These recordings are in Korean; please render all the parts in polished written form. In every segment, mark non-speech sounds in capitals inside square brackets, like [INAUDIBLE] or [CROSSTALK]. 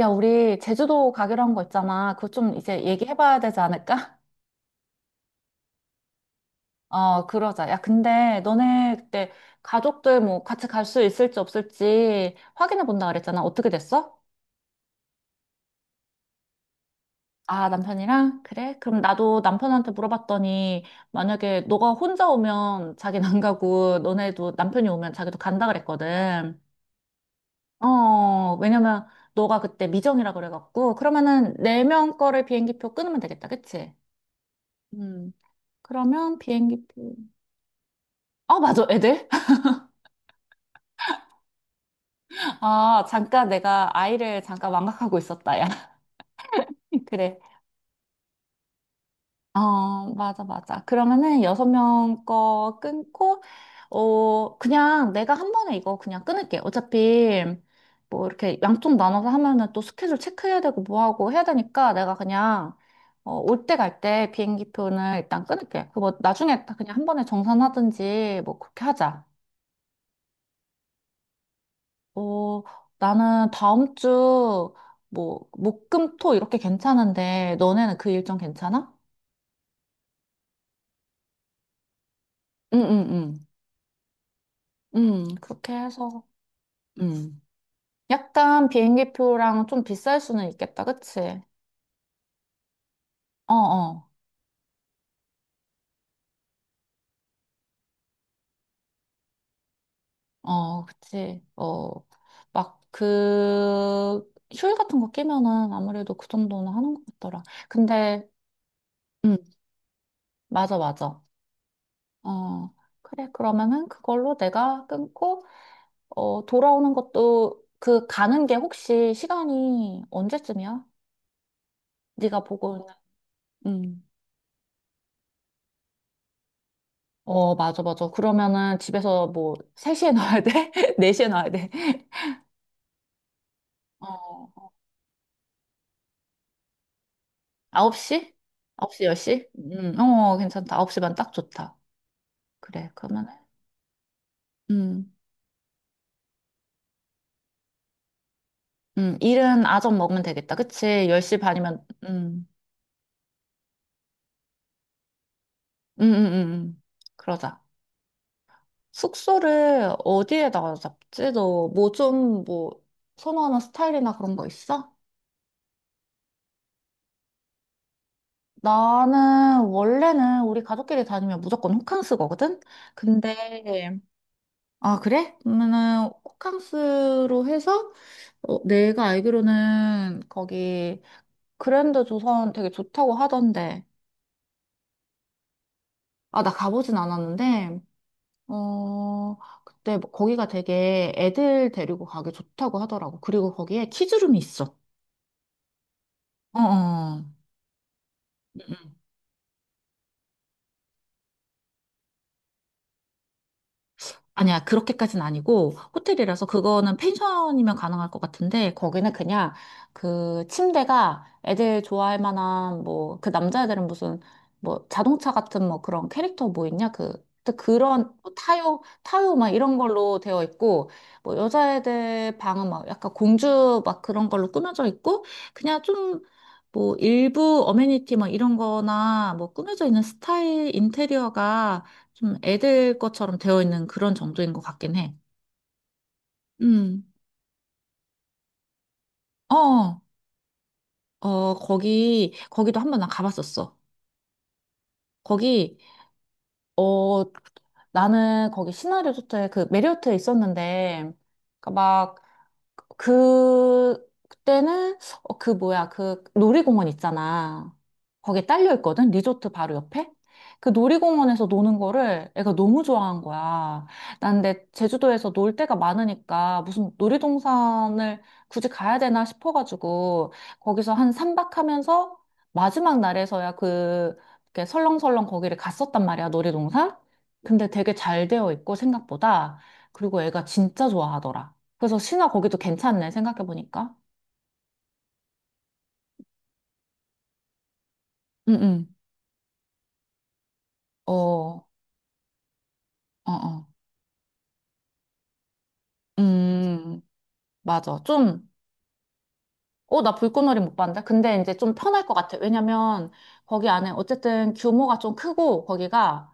야, 우리 제주도 가기로 한 거 있잖아. 그거 좀 이제 얘기해봐야 되지 않을까? [LAUGHS] 어, 그러자. 야, 근데 너네 그때 가족들 뭐 같이 갈 수 있을지 없을지 확인해 본다 그랬잖아. 어떻게 됐어? 아, 남편이랑? 그래? 그럼 나도 남편한테 물어봤더니 만약에 너가 혼자 오면 자기는 안 가고 너네도 남편이 오면 자기도 간다 그랬거든. 어, 왜냐면 너가 그때 미정이라 그래갖고 그러면은 4명 거를 비행기표 끊으면 되겠다. 그치? 음. 그러면 비행기표. 아, 맞아, 애들? [LAUGHS] 아, 잠깐 내가 아이를 잠깐 망각하고 있었다, 야. [LAUGHS] 그래. 어, 맞아, 맞아. 그러면은 6명 거 끊고, 어, 그냥 내가 한 번에 이거 그냥 끊을게. 어차피 뭐 이렇게 양쪽 나눠서 하면은 또 스케줄 체크해야 되고 뭐 하고 해야 되니까 내가 그냥 어, 올 때 갈 때 비행기 표는 일단 끊을게. 그뭐 나중에 다 그냥 한 번에 정산하든지 뭐 그렇게 하자. 어, 나는 다음 주, 뭐, 목, 금, 토 이렇게 괜찮은데, 너네는 그 일정 괜찮아? 응, 응, 응, 응, 그렇게 해서. 응, 응. 약간 비행기 표랑 좀 비쌀 수는 있겠다, 그치? 어, 어, 어, 그치. 어, 막 그, 휴일 같은 거 끼면은 아무래도 그 정도는 하는 것 같더라. 근데, 응. 맞아, 맞아. 어, 그래, 그러면은 그걸로 내가 끊고, 어, 돌아오는 것도 그 가는 게 혹시 시간이 언제쯤이야? 네가 보고 있는. 음. 어, 맞아, 맞아. 그러면은 집에서 뭐 3시에 나와야 돼? [LAUGHS] 4시에 나와야 돼? 어, 9시? 9시, 10시? 어, 괜찮다. 9시면 딱 좋다. 그래, 그러면은. 음, 일은 아점 먹으면 되겠다. 그치? 10시 반이면, 음, 음, 음. 음. 그러자. 숙소를 어디에다가 잡지? 너 뭐 좀 뭐 선호하는 스타일이나 그런 거 있어? 나는 원래는 우리 가족끼리 다니면 무조건 호캉스 거거든? 근데, 아, 그래? 그러면은 호캉스로 해서 어, 내가 알기로는 거기 그랜드 조선 되게 좋다고 하던데. 아, 나 가보진 않았는데, 어, 그때 뭐 거기가 되게 애들 데리고 가기 좋다고 하더라고. 그리고 거기에 키즈룸이 있어. 어어. 음. 아니야, 그렇게까지는 아니고, 호텔이라서 그거는 펜션이면 가능할 것 같은데, 거기는 그냥 그 침대가 애들 좋아할 만한, 뭐, 그 남자애들은 무슨, 뭐, 자동차 같은 뭐 그런 캐릭터 뭐 있냐? 그, 또 그런 뭐 타요, 타요 막 이런 걸로 되어 있고, 뭐 여자애들 방은 막 약간 공주 막 그런 걸로 꾸며져 있고, 그냥 좀, 뭐 일부 어메니티 막 이런 거나 뭐 꾸며져 있는 스타일 인테리어가 좀 애들 것처럼 되어 있는 그런 정도인 것 같긴 해. 음. 어, 어, 거기도 한 번 나 가봤었어. 거기, 어, 나는 거기 시나리오 호텔, 그 메리어트에 있었는데, 그러니까 막 그, 그때는, 어, 그 뭐야, 그 놀이공원 있잖아. 거기에 딸려 있거든? 리조트 바로 옆에? 그 놀이공원에서 노는 거를 애가 너무 좋아한 거야. 난 근데 제주도에서 놀 데가 많으니까 무슨 놀이동산을 굳이 가야 되나 싶어가지고 거기서 한 삼박 하면서 마지막 날에서야 그, 이렇게 설렁설렁 거기를 갔었단 말이야, 놀이동산? 근데 되게 잘 되어 있고 생각보다. 그리고 애가 진짜 좋아하더라. 그래서 신화 거기도 괜찮네, 생각해보니까. 응, 응. 어, 어, 어. 음, 맞아. 좀 어, 나 불꽃놀이 못 봤는데? 근데 이제 좀 편할 것 같아. 왜냐면 거기 안에 어쨌든 규모가 좀 크고 거기가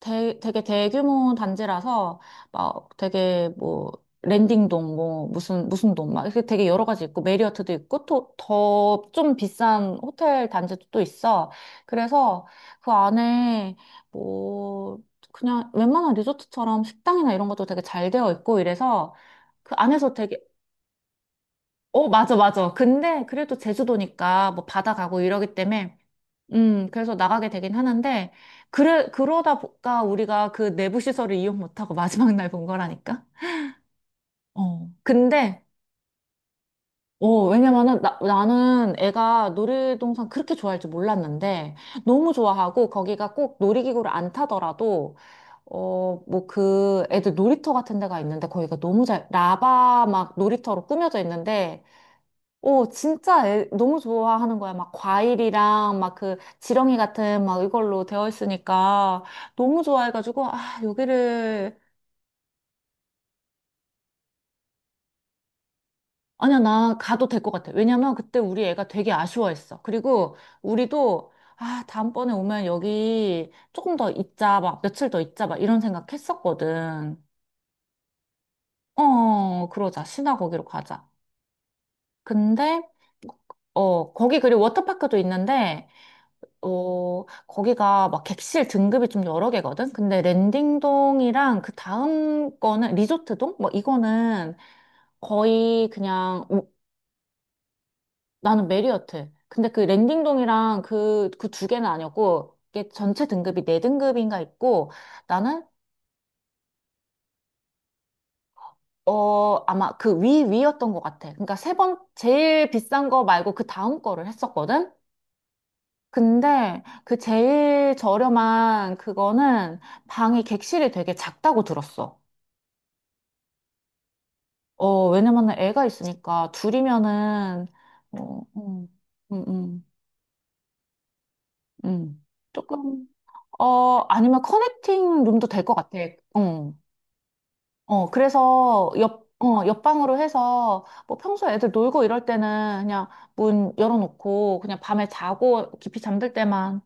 되게 대규모 단지라서 막 되게 뭐 랜딩동 뭐 무슨 무슨 동 막 이렇게 되게 여러 가지 있고 메리어트도 있고 또 더 좀 비싼 호텔 단지도 또 있어. 그래서 그 안에 뭐 그냥 웬만한 리조트처럼 식당이나 이런 것도 되게 잘 되어 있고 이래서 그 안에서 되게 어, 맞아, 맞아. 근데 그래도 제주도니까 뭐 바다 가고 이러기 때문에, 그래서 나가게 되긴 하는데, 그래, 그러다 보니까 우리가 그 내부 시설을 이용 못하고 [LAUGHS] 마지막 날 본 거라니까? 어. 근데, 어, 왜냐면은 나는 애가 놀이동산 그렇게 좋아할 줄 몰랐는데, 너무 좋아하고 거기가 꼭 놀이기구를 안 타더라도, 어, 뭐 그 애들 놀이터 같은 데가 있는데 거기가 너무 잘, 라바 막 놀이터로 꾸며져 있는데, 오, 진짜 너무 좋아하는 거야. 막 과일이랑 막 그 지렁이 같은 막 이걸로 되어 있으니까 너무 좋아해가지고, 아, 여기를. 아니야, 나 가도 될 것 같아. 왜냐면 그때 우리 애가 되게 아쉬워했어. 그리고 우리도, 아, 다음번에 오면 여기 조금 더 있자, 막 며칠 더 있자, 막 이런 생각 했었거든. 어, 그러자. 신화 거기로 가자. 근데, 어, 거기 그리고 워터파크도 있는데, 어, 거기가 막 객실 등급이 좀 여러 개거든? 근데 랜딩동이랑 그 다음 거는 리조트동? 뭐 이거는 거의 그냥 나는 메리어트. 근데 그 랜딩동이랑 그, 그 두 개는 아니었고 이게 전체 등급이 네 등급인가 있고 나는 어, 아마 그 위였던 것 같아. 그러니까 세 번, 제일 비싼 거 말고 그 다음 거를 했었거든? 근데 그 제일 저렴한 그거는 방이 객실이 되게 작다고 들었어. 어, 왜냐면은 애가 있으니까 둘이면은, 어, 음, 음, 음. 조금, 어, 아니면 커넥팅 룸도 될 것 같아. 어, 어, 그래서 옆, 어, 옆방으로 해서 뭐 평소 애들 놀고 이럴 때는 그냥 문 열어놓고 그냥 밤에 자고 깊이 잠들 때만,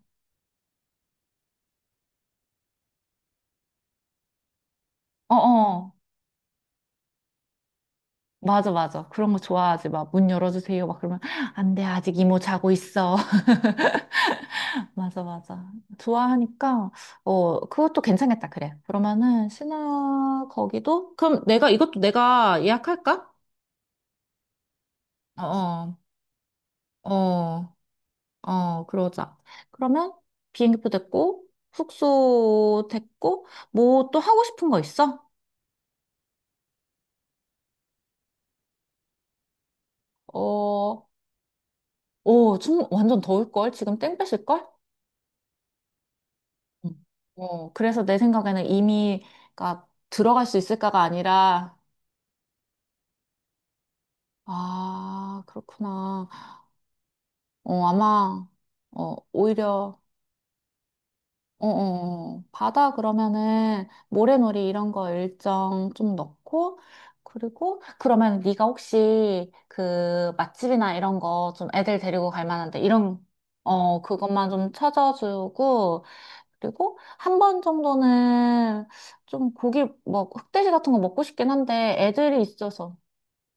어, 어. 맞아, 맞아. 그런 거 좋아하지. 막 문 열어주세요. 막 그러면 안 돼. 아직 이모 자고 있어. 맞아, 맞아. 좋아하니까, 어, 그것도 괜찮겠다, 그래. 그러면은, 신화, 거기도? 그럼 내가, 이것도 내가 예약할까? 어, 어, 어, 어, 그러자. 그러면, 비행기표 됐고, 숙소 됐고, 뭐 또 하고 싶은 거 있어? 어, 오, 좀 완전 더울걸? 지금 땡 뺏을걸? 음. 어, 그래서 내 생각에는 이미, 가 들어갈 수 있을까가 아니라, 아, 그렇구나. 어, 아마, 어, 오히려, 어, 어, 어. 바다 그러면은 모래놀이 이런 거 일정 좀 넣고, 그리고 그러면 네가 혹시 그 맛집이나 이런 거 좀 애들 데리고 갈 만한데 이런, 어, 그것만 좀 찾아주고, 그리고 한 번 정도는 좀 고기, 뭐, 흑돼지 같은 거 먹고 싶긴 한데 애들이 있어서.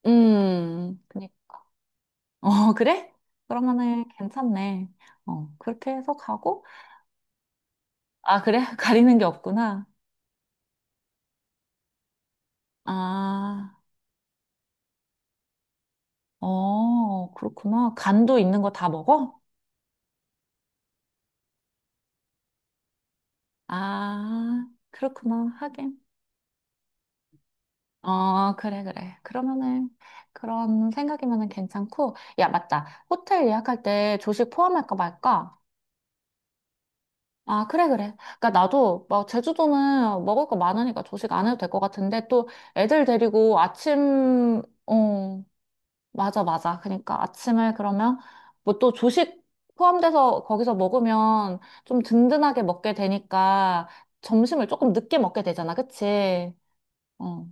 그니까. 어, 그래? 그러면은 괜찮네. 어, 그렇게 해서 가고, 아, 그래? [LAUGHS] 가리는 게 없구나. 아, 어, 그렇구나. 간도 있는 거 다 먹어? 아, 그렇구나. 하긴. 어, 그래, 그래. 그러면은, 그런 생각이면은 괜찮고. 야, 맞다. 호텔 예약할 때 조식 포함할까 말까? 아, 그래, 그래. 그니까 나도, 막, 제주도는 먹을 거 많으니까 조식 안 해도 될 것 같은데, 또 애들 데리고 아침, 어, 맞아, 맞아. 그러니까 아침을 그러면 뭐 또 조식 포함돼서 거기서 먹으면 좀 든든하게 먹게 되니까 점심을 조금 늦게 먹게 되잖아. 그치? 어,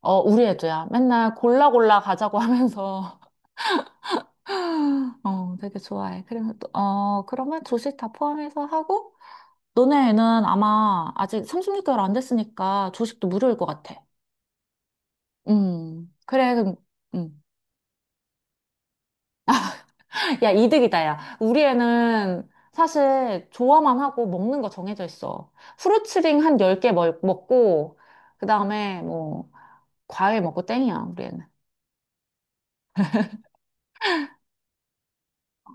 어, 우리 애도야. 맨날 골라 골라 가자고 하면서 [LAUGHS] 어, 되게 좋아해. 그래서 또, 어, 그러면 조식 다 포함해서 하고 너네 애는 아마 아직 36개월 안 됐으니까 조식도 무료일 것 같아. 그래. 그럼, 음. 야, 이득이다, 야. 우리 애는 사실 좋아만 하고 먹는 거 정해져 있어. 후루츠링 한 10개 먹고, 그 다음에 뭐, 과일 먹고 땡이야, 우리 애는.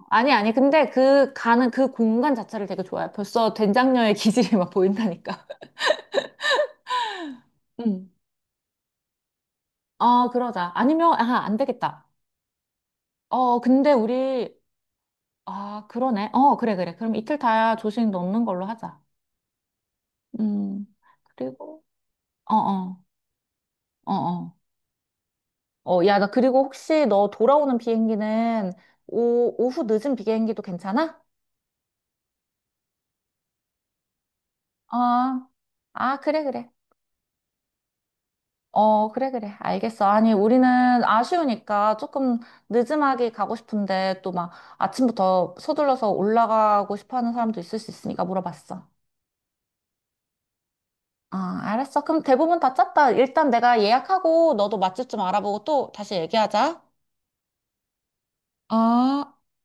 아니, 아니, 근데 그 가는 그 공간 자체를 되게 좋아해. 벌써 된장녀의 [LAUGHS] 기질이 막 보인다니까. [LAUGHS] 응. 아, 그러자. 아니면, 아, 안 되겠다. 어, 근데 우리, 아, 그러네. 어, 그래, 그래. 그럼 이틀 다 조식 넣는 걸로 하자. 음, 그리고, 어, 어, 어, 어. 어, 야, 나 그리고 혹시 너 돌아오는 비행기는 오, 오후 늦은 비행기도 괜찮아? 아, 아, 그래, 그래. 어, 그래, 그래. 알겠어. 아니, 우리는 아쉬우니까 조금 늦음하게 가고 싶은데 또 막 아침부터 서둘러서 올라가고 싶어 하는 사람도 있을 수 있으니까 물어봤어. 아, 알았어. 그럼 대부분 다 짰다. 일단 내가 예약하고 너도 맛집 좀 알아보고 또 다시 얘기하자. 어.